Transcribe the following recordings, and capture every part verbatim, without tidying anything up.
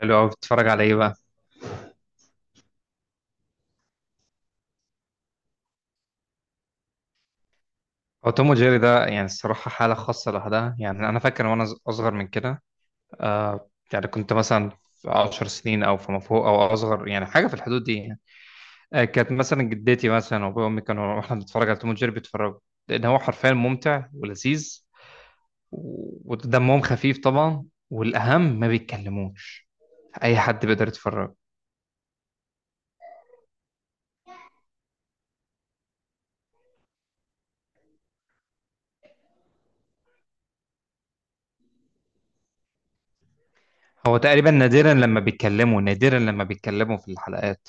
حلو قوي، بتتفرج على ايه بقى؟ هو توم وجيري ده يعني الصراحه حاله خاصه لوحدها، يعني انا فاكر وانا ص- اصغر من كده. آه يعني كنت مثلا في 10 سنين او فما فوق او اصغر، يعني حاجه في الحدود دي يعني. آه كانت مثلا جدتي مثلا وابويا وامي كانوا، واحنا بنتفرج على توم وجيري بيتفرجوا، لان هو حرفيا ممتع ولذيذ و- ودمهم خفيف طبعا، والاهم ما بيتكلموش. اي حد بيقدر يتفرج. هو تقريبا نادرا لما بيتكلموا، نادرا لما بيتكلموا في الحلقات.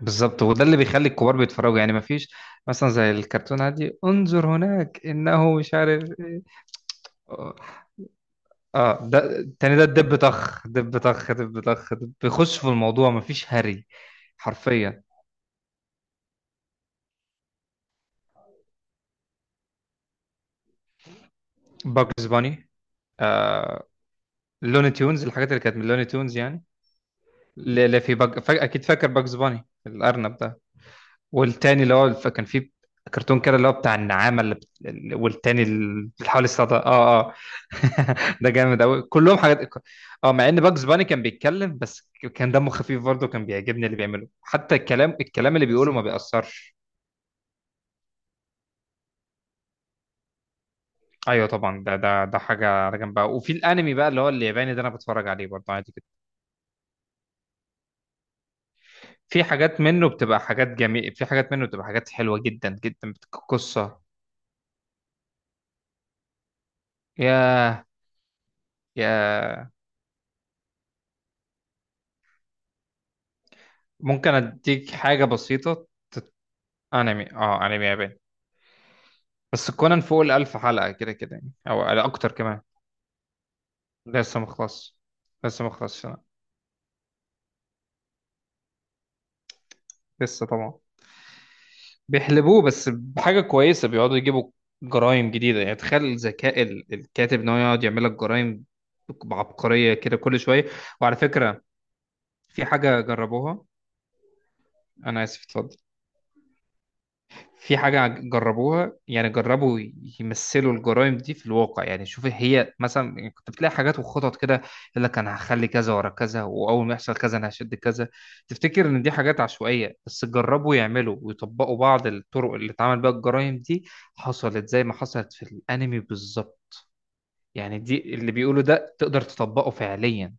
بالظبط، وده اللي بيخلي الكبار بيتفرجوا، يعني مفيش مثلا زي الكرتون عادي انظر هناك انه مش عارف إيه. اه، آه، ده التاني ده دب طخ دب طخ دب طخ دب، بيخش في الموضوع مفيش هري. حرفيا باجز باني. آه، لوني تيونز، الحاجات اللي كانت من لوني تيونز يعني. لا لا، في بج... فا... اكيد فاكر باجز باني الارنب ده. والتاني اللي هو ف- كان فيه كرتون كده اللي هو بتاع النعامة اللي بت... اللي- والتاني اللي حوالي الصدى، اه اه. ده جامد قوي، كلهم حاجات. اه، مع ان باجز باني كان بيتكلم، بس ك- كان دمه خفيف برضه، كان بيعجبني اللي بيعمله، حتى الكلام الكلام اللي بيقوله ما بيأثرش. ايوه طبعا، ده ده ده حاجه على جنب بقى. وفي الانمي بقى اللي هو الياباني ده، انا بتفرج عليه برضه عادي كده. في حاجات منه بتبقى حاجات جميله، في حاجات منه بتبقى حاجات حلوه جدا جدا، بت- قصه. يا يا ممكن اديك حاجه بسيطه. انمي، اه انمي ياباني. بس كونان فوق الألف حلقة كده كده يعني، أو على أكتر كمان. لسه مخلص. لسه مخلص. لسه طبعا. بيحلبوه بس بحاجة كويسة، بيقعدوا يجيبوا جرائم جديدة. يعني تخيل ذكاء ال- الكاتب إن هو يقعد يعمل لك جرائم بعبقرية كده كل شوية. وعلى فكرة، في حاجة جربوها. أنا آسف، اتفضل. في حاجة جربوها، يعني جربوا يمثلوا الجرائم دي في الواقع. يعني شوف، هي مثلا كنت بتلاقي حاجات وخطط كده، يقول لك أنا هخلي كذا ورا كذا، وأول ما يحصل كذا أنا هشد كذا. تفتكر إن دي حاجات عشوائية، بس جربوا يعملوا ويطبقوا بعض الطرق اللي اتعمل بيها الجرائم دي، حصلت زي ما حصلت في الأنمي بالظبط. يعني دي اللي بيقولوا ده تقدر تطبقه فعليا.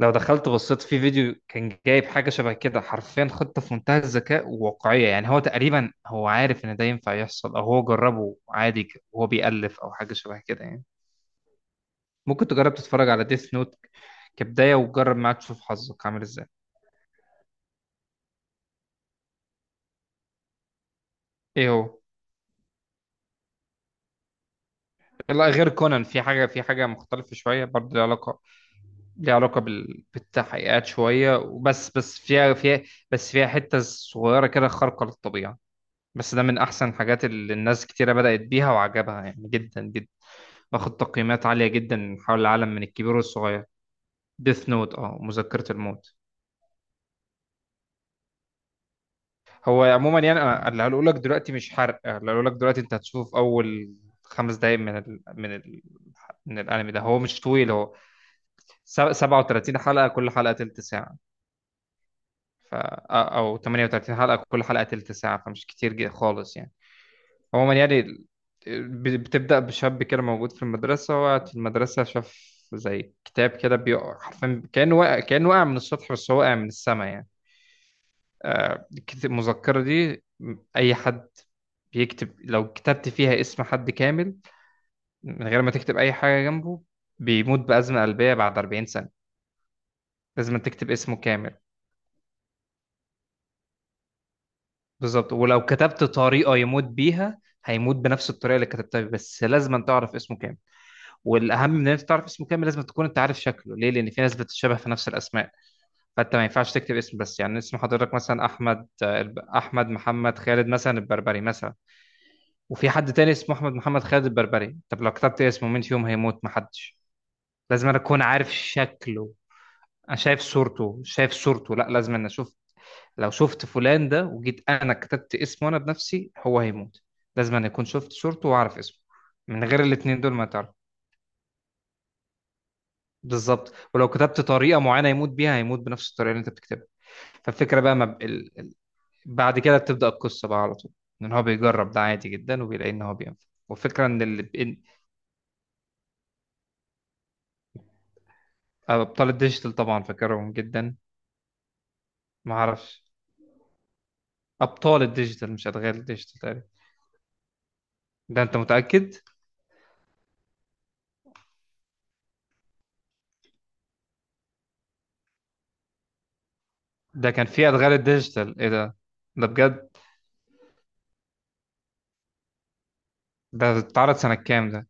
لو دخلت بصيت في فيديو، كان جايب حاجة شبه كده حرفيا، خطة في منتهى الذكاء وواقعية. يعني هو تقريبا هو عارف إن ده ينفع يحصل، أو هو جربه عادي ك- وهو بيألف أو حاجة شبه كده يعني. ممكن تجرب تتفرج على ديث نوت كبداية، وجرب معاه تشوف حظك عامل إزاي. إيه هو، لا، غير كونان. في حاجة، في حاجة مختلفة شوية برضه، ليها علاقة، ليها علاقة بال... بالتحقيقات شوية، وبس بس فيها فيها بس فيها حتة صغيرة كده خارقة للطبيعة. بس ده من احسن الحاجات اللي الناس كتيرة بدأت بيها وعجبها يعني جدا جدا. واخد تقييمات عالية جدا من حول العالم، من الكبير والصغير. ديث نوت، اه، مذكرة الموت. هو عموما، يعني أنا اللي هقوله لك دلوقتي مش حرق. آه، اللي هقوله لك دلوقتي، انت هتشوف اول خمس دقايق من ال... من ال... من الانمي ده. هو مش طويل، هو سب- سبعة وتلاتين حلقة، كل حلقة تلت ساعة. ف... آه، او تمنية وتلاتين حلقة، كل حلقة تلت ساعة، فمش كتير جدا خالص يعني. عموما يعني ال- ب- بتبدأ بشاب كده موجود في المدرسة، وقعد في المدرسة شاف زي كتاب كده بيقع، حرفيا كأنه وقع، كأنه وقع من السطح، بس هو وقع من السما يعني. آه، الكت- المذكرة دي، م- أي حد بيكتب، لو كتبت فيها اسم حد كامل من غير ما تكتب أي حاجة جنبه، بيموت بأزمة قلبية بعد 40 سنة. لازم تكتب اسمه كامل. بالظبط، ولو كتبت طريقة يموت بيها، هيموت بنفس الطريقة اللي كتبتها، بس لازم تعرف اسمه كامل. والاهم من ان انت تعرف اسمه كامل، لازم تكون انت عارف شكله. ليه؟ لان في ناس بتتشابه في نفس الاسماء، فانت ما ينفعش تكتب اسم بس. يعني اسم حضرتك مثلا احمد، آه، الب- احمد محمد خالد مثلا البربري مثلا، وفي حد تاني اسمه احمد محمد خالد البربري. طب لو كتبت اسمه، مين فيهم هيموت؟ محدش. لازم انا اكون عارف شكله. انا شايف صورته، شايف صورته لا، لازم انا اشوف. لو شفت فلان ده وجيت انا كتبت اسمه انا بنفسي، هو هيموت. لازم انا اكون شفت صورته واعرف اسمه. من غير الاتنين دول ما تعرف. بالظبط، ولو كتبت طريقه معينه يموت بيها، هيموت بنفس الطريقه اللي انت بتكتبها. فالفكره بقى، ما ب... ال... بعد كده بتبدا القصه بقى على طول، ان هو بيجرب ده عادي جدا، وبيلاقي ان هو بينفع. والفكره ان ال... إن- ابطال الديجيتال طبعا فاكرهم جدا. ما اعرفش. ابطال الديجيتال مش ادغال الديجيتال تقريبا. ده انت متاكد؟ ده كان في ادغال الديجيتال؟ ايه ده؟ ده بجد؟ ده اتعرض سنه كام ده؟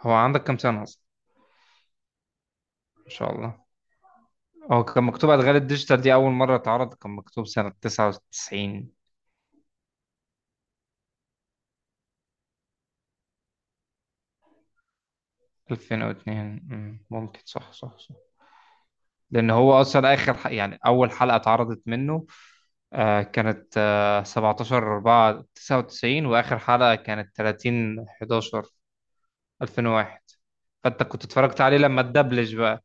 هو عندك كام سنه اصلا؟ ما شاء الله. هو كان مكتوب ادغال الديجيتال دي اول مره اتعرض، كان مكتوب سنه تسعة وتسعين؟ ألفين واتنين، مم، ممكن. صح صح صح، لأن هو أصلا آخر ح- يعني أول حلقة اتعرضت منه، آه كانت آه سبعة عشر أربعة تسعة وتسعين، وآخر حلقة كانت تلاتين حداشر ألفين وواحد. فأنت كنت اتفرجت عليه لما اتدبلج بقى.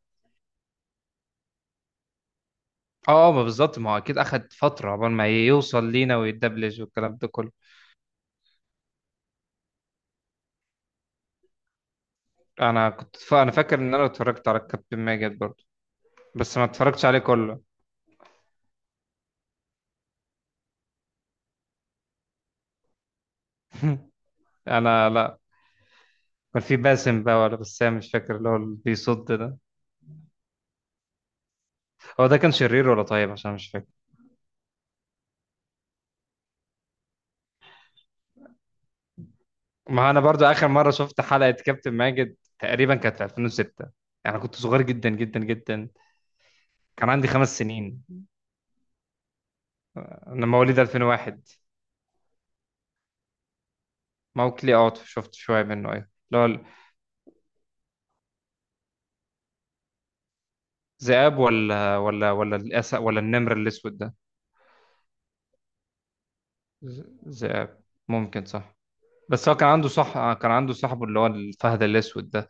اه، آه، ما بالظبط، ما هو اكيد اخد فتره قبل ما يوصل لينا ويتدبلج والكلام ده كله. انا كنت ف... انا فاكر ان انا اتفرجت على كابتن ماجد برضه، بس ما اتفرجتش عليه كله. انا لا. كان في باسم بقى ولا بسام مش فاكر، اللي هو اللي بيصد ده. هو ده كان شرير ولا طيب، عشان مش فاكر. ما انا برضو اخر مره شفت حلقه كابتن ماجد تقريبا كانت في ألفين وستة. انا كنت صغير جدا جدا جدا، كان عندي خمس سنين. انا مواليد ألفين وواحد. موكلي، اوت، شفت شويه منه ايوه. اللي هو الذئاب، ولا ولا ولا الاسد ولا النمر الاسود ده. ذ- ذئاب، ممكن صح. بس هو كان عنده، صح، كان عنده صاحبه اللي هو الفهد الاسود ده.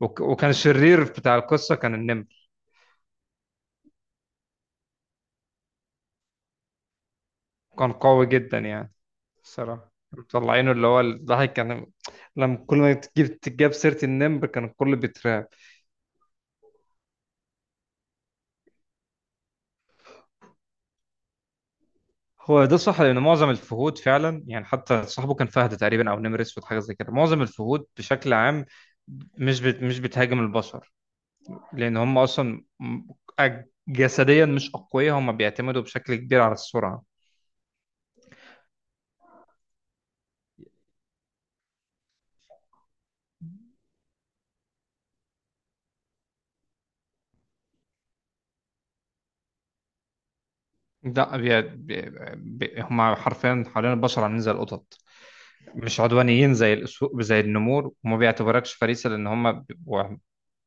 وك... وكان الشرير بتاع القصه كان النمر. كان قوي جدا يعني. الصراحة مطلعينه اللي هو الضحك كان، لما كل ما تجيب تجاب سيرة النمر كان الكل بيترعب. هو ده صح، لأن معظم الفهود فعلا يعني، حتى صاحبه كان فهد تقريبا أو نمر أسود حاجة زي كده. معظم الفهود بشكل عام مش بت... مش بتهاجم البشر، لأن هم أصلا م- أج- جسديا مش أقوياء، هم بيعتمدوا بشكل كبير على السرعة. لا، بي... بي... بي... هم حرفيا حوالين البشر عاملين زي القطط، مش عدوانيين زي الأسو... زي النمور، وما بيعتبركش فريسة. لأن هم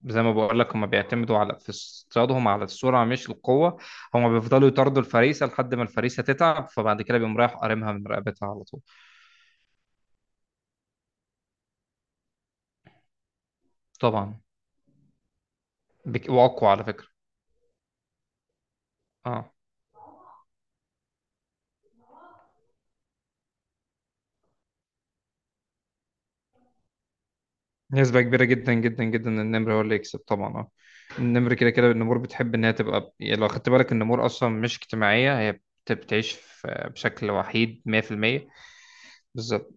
زي ما بقول لك، هم بيعتمدوا على، في اصطيادهم على السرعه مش القوه. هم بيفضلوا يطاردوا الفريسه لحد ما الفريسه تتعب، فبعد كده بيقوم رايح قارمها من رقبتها على طول. طبعا، بك... واقوى على فكره. اه، نسبه كبيره جدا جدا جدا إن النمر هو اللي يكسب طبعا، اه. النمر كده كده، النمور بتحب ان هي تبقى، يعني لو خدت بالك النمور اصلا مش اجتماعيه، هي بت- بتعيش في- بشكل وحيد ميه في الميه. بالظبط.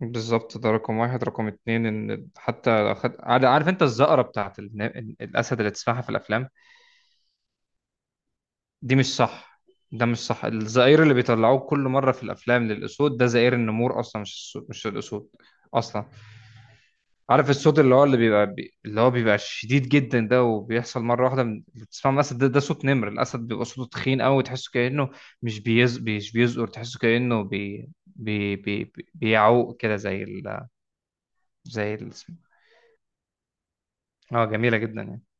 بالظبط، ده رقم واحد. رقم اتنين، ان حتى لو خد... عارف انت الزقره بتاعت الن- الاسد اللي تسمعها في الافلام، دي مش صح. ده مش صح، الزئير اللي بيطلعوه كل مرة في الأفلام للأسود ده زئير النمور أصلا، مش السو... مش الأسود أصلا. عارف الصوت اللي هو اللي بيبقى بي... اللي هو بيبقى شديد جدا ده، وبيحصل مرة واحدة من، بتسمع مثلا ده، ده صوت نمر. الأسد بيبقى صوته تخين قوي، تحسه كأنه مش بيز... مش بيزقر، تحسه كأنه بي... بي... بي... بيعوق كده زي ال...، زي ال... اه، جميلة جدا يعني.